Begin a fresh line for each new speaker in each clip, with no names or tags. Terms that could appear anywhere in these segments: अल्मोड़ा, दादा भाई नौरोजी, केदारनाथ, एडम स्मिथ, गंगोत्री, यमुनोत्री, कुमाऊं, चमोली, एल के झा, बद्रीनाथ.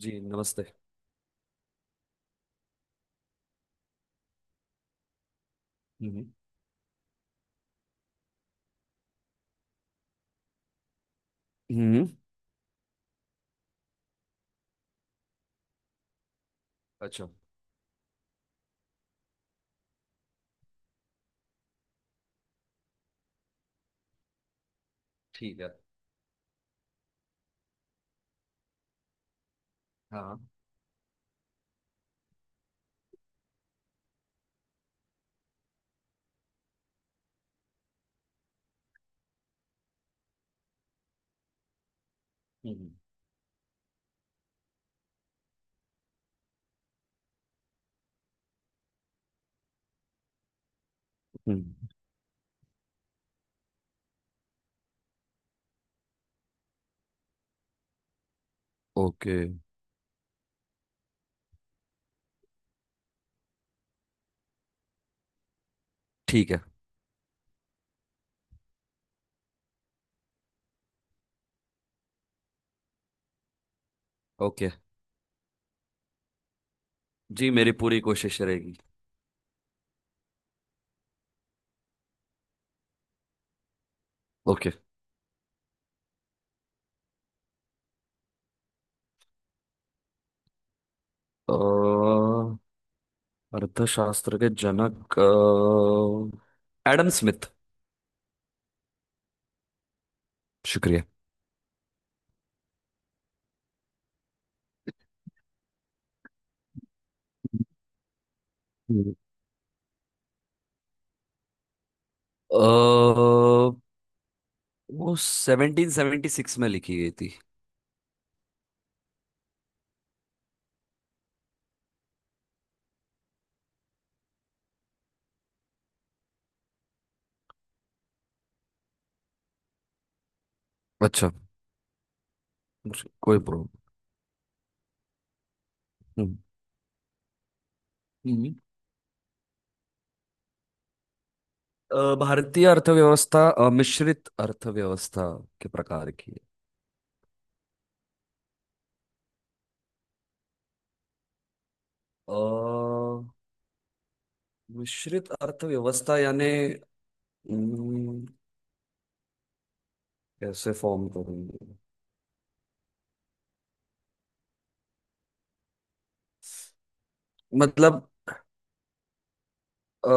जी नमस्ते। हम्म। हम्म। अच्छा। ठीक है। हाँ। हम्म। हम्म। ओके। ठीक है। ओके। जी, मेरी पूरी कोशिश रहेगी। ओके। अ, अर्थशास्त्र के जनक एडम स्मिथ। शुक्रिया। हम्म। अ, वो 1776 में लिखी गई थी। अच्छा। कोई प्रॉब्लम। हम्म। हम्म। भारतीय अर्थव्यवस्था मिश्रित अर्थव्यवस्था के प्रकार की है। अ, मिश्रित अर्थव्यवस्था यानी हम्म, कैसे फॉर्म करेंगे? मतलब अ,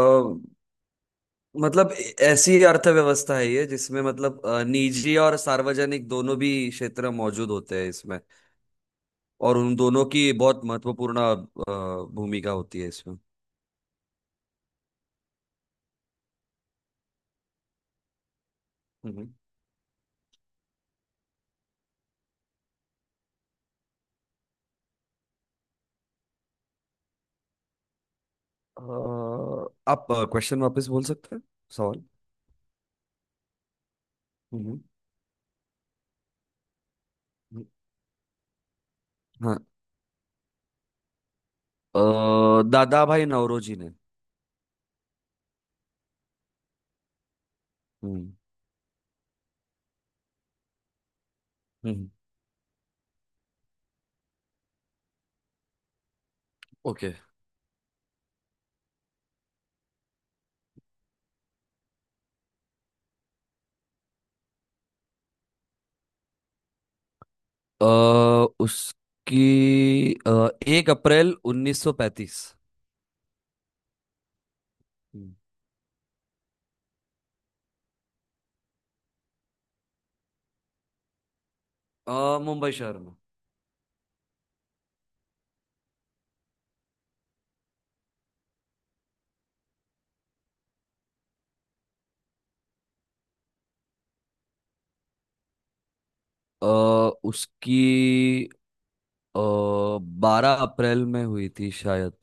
मतलब ऐसी अर्थव्यवस्था है ये जिसमें मतलब निजी और सार्वजनिक दोनों भी क्षेत्र मौजूद होते हैं इसमें। और उन दोनों की बहुत महत्वपूर्ण भूमिका होती है इसमें। हम्म। अ, आप क्वेश्चन वापस बोल सकते हैं। सवाल। हम्म। हम्म। हाँ। दादा भाई नौरोजी ने। हम्म। हम्म। ओके। अ, उसकी 1 अप्रैल 1935। हम्म, मुंबई शहर में। अ, उसकी 12 अप्रैल में हुई थी शायद।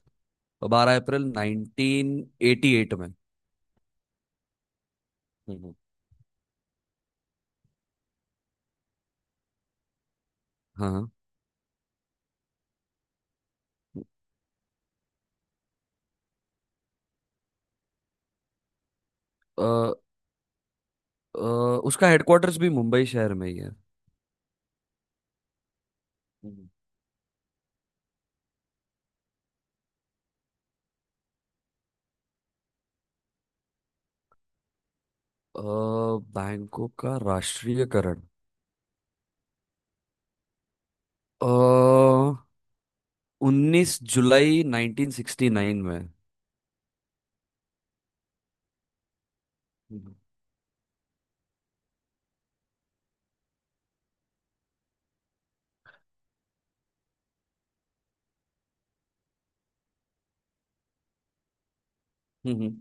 12 अप्रैल 1988 में। हम्म। हाँ। अ, अ, उसका हेडक्वार्टर्स भी मुंबई शहर में ही है। हम्म, अ, बैंकों का राष्ट्रीयकरण 19 जुलाई 1969 में। हम्म। हम्म।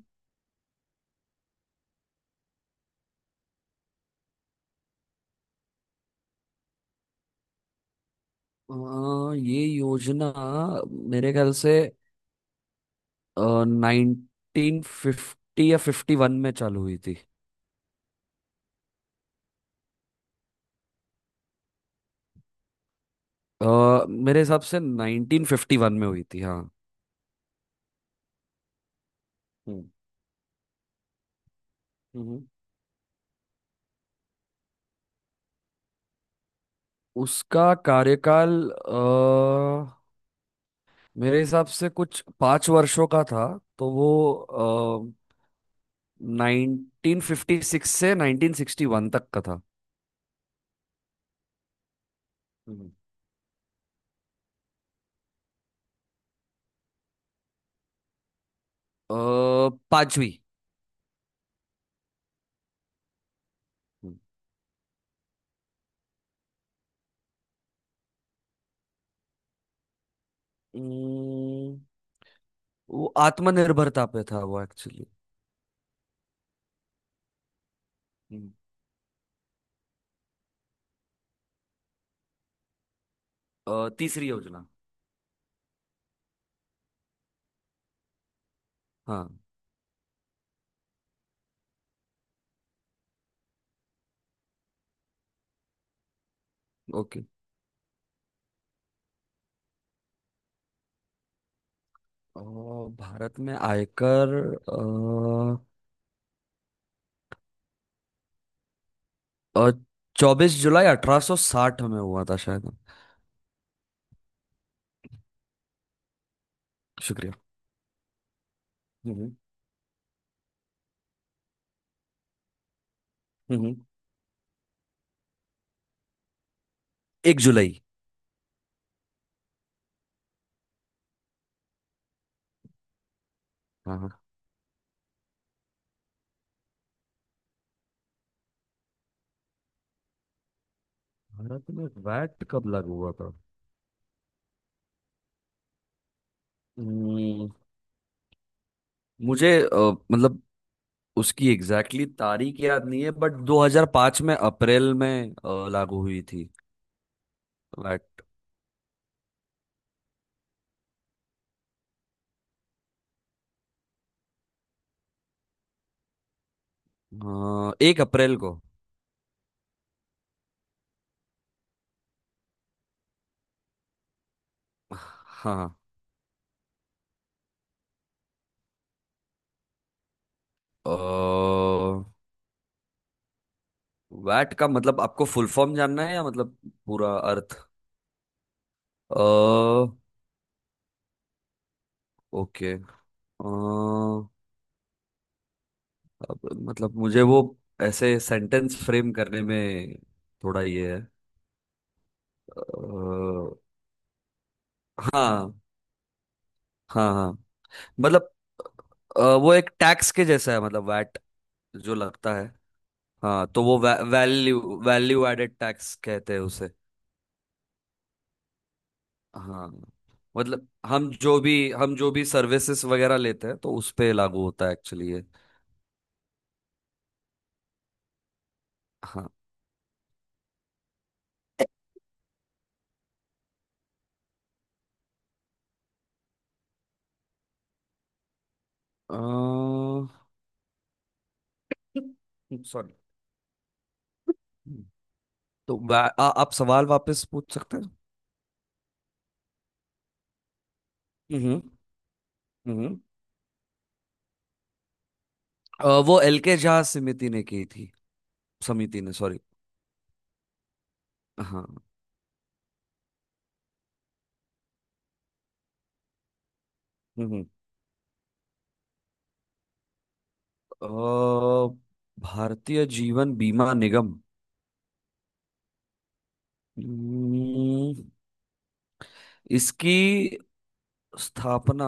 हाँ, ये योजना मेरे ख्याल से 1950 या 51 में चालू हुई थी। अ, मेरे हिसाब से 1951 में हुई थी, हाँ। हम्म। हम्म। उसका कार्यकाल मेरे हिसाब से कुछ 5 वर्षों का था। तो वो 1956 से 1961 तक का था। हम्म। अ, पांचवी। हम्म। उम्म, वो आत्मनिर्भरता पे था वो एक्चुअली। तीसरी योजना। हाँ। ओके। अ, भारत में आयकर 24 जुलाई 1860 में हुआ था शायद। शुक्रिया। हम्म। हम्म। 1 जुलाई। हाँ, हाँ। भारत में वैट कब लागू हुआ था? हम्म, मुझे मतलब उसकी एग्जैक्टली तारीख याद नहीं है, बट 2005 में अप्रैल में लागू हुई थी। वैट। 1 अप्रैल को। हाँ, हाँ। अ, वैट का मतलब आपको फुल फॉर्म जानना है या मतलब पूरा अर्थ? अ ओके। अ, अब मतलब मुझे वो ऐसे सेंटेंस फ्रेम करने में थोड़ा ये है। अ, हाँ। हाँ। हाँ, मतलब वो एक टैक्स के जैसा है मतलब वैट जो लगता है। हाँ, तो वो वै, वैल्यू वैल्यू एडेड टैक्स कहते हैं उसे। हाँ, मतलब हम जो भी सर्विसेज वगैरह लेते हैं तो उस पे लागू होता है एक्चुअली ये। हाँ। अ, सॉरी। तो आप सवाल वापस पूछ सकते हैं। हम्म। हम्म। वो एल के झा समिति ने की थी। समिति ने, सॉरी। हाँ। हम्म। अ, भारतीय जीवन बीमा निगम। हम्म, इसकी स्थापना।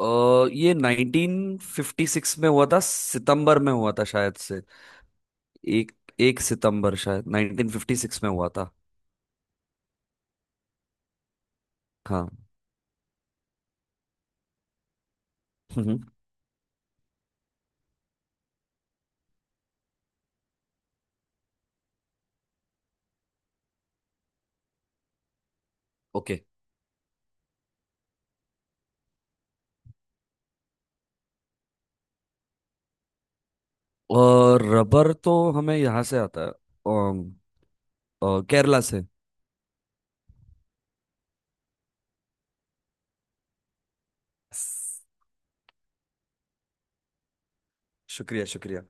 अ, ये 1956 में हुआ था। सितंबर में हुआ था शायद से। एक 1 सितंबर शायद 1956 में हुआ था। हाँ। हम्म। ओके। और रबर तो हमें यहाँ से आता है। अम, केरला से। बस, शुक्रिया, शुक्रिया।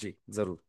जी, जरूर।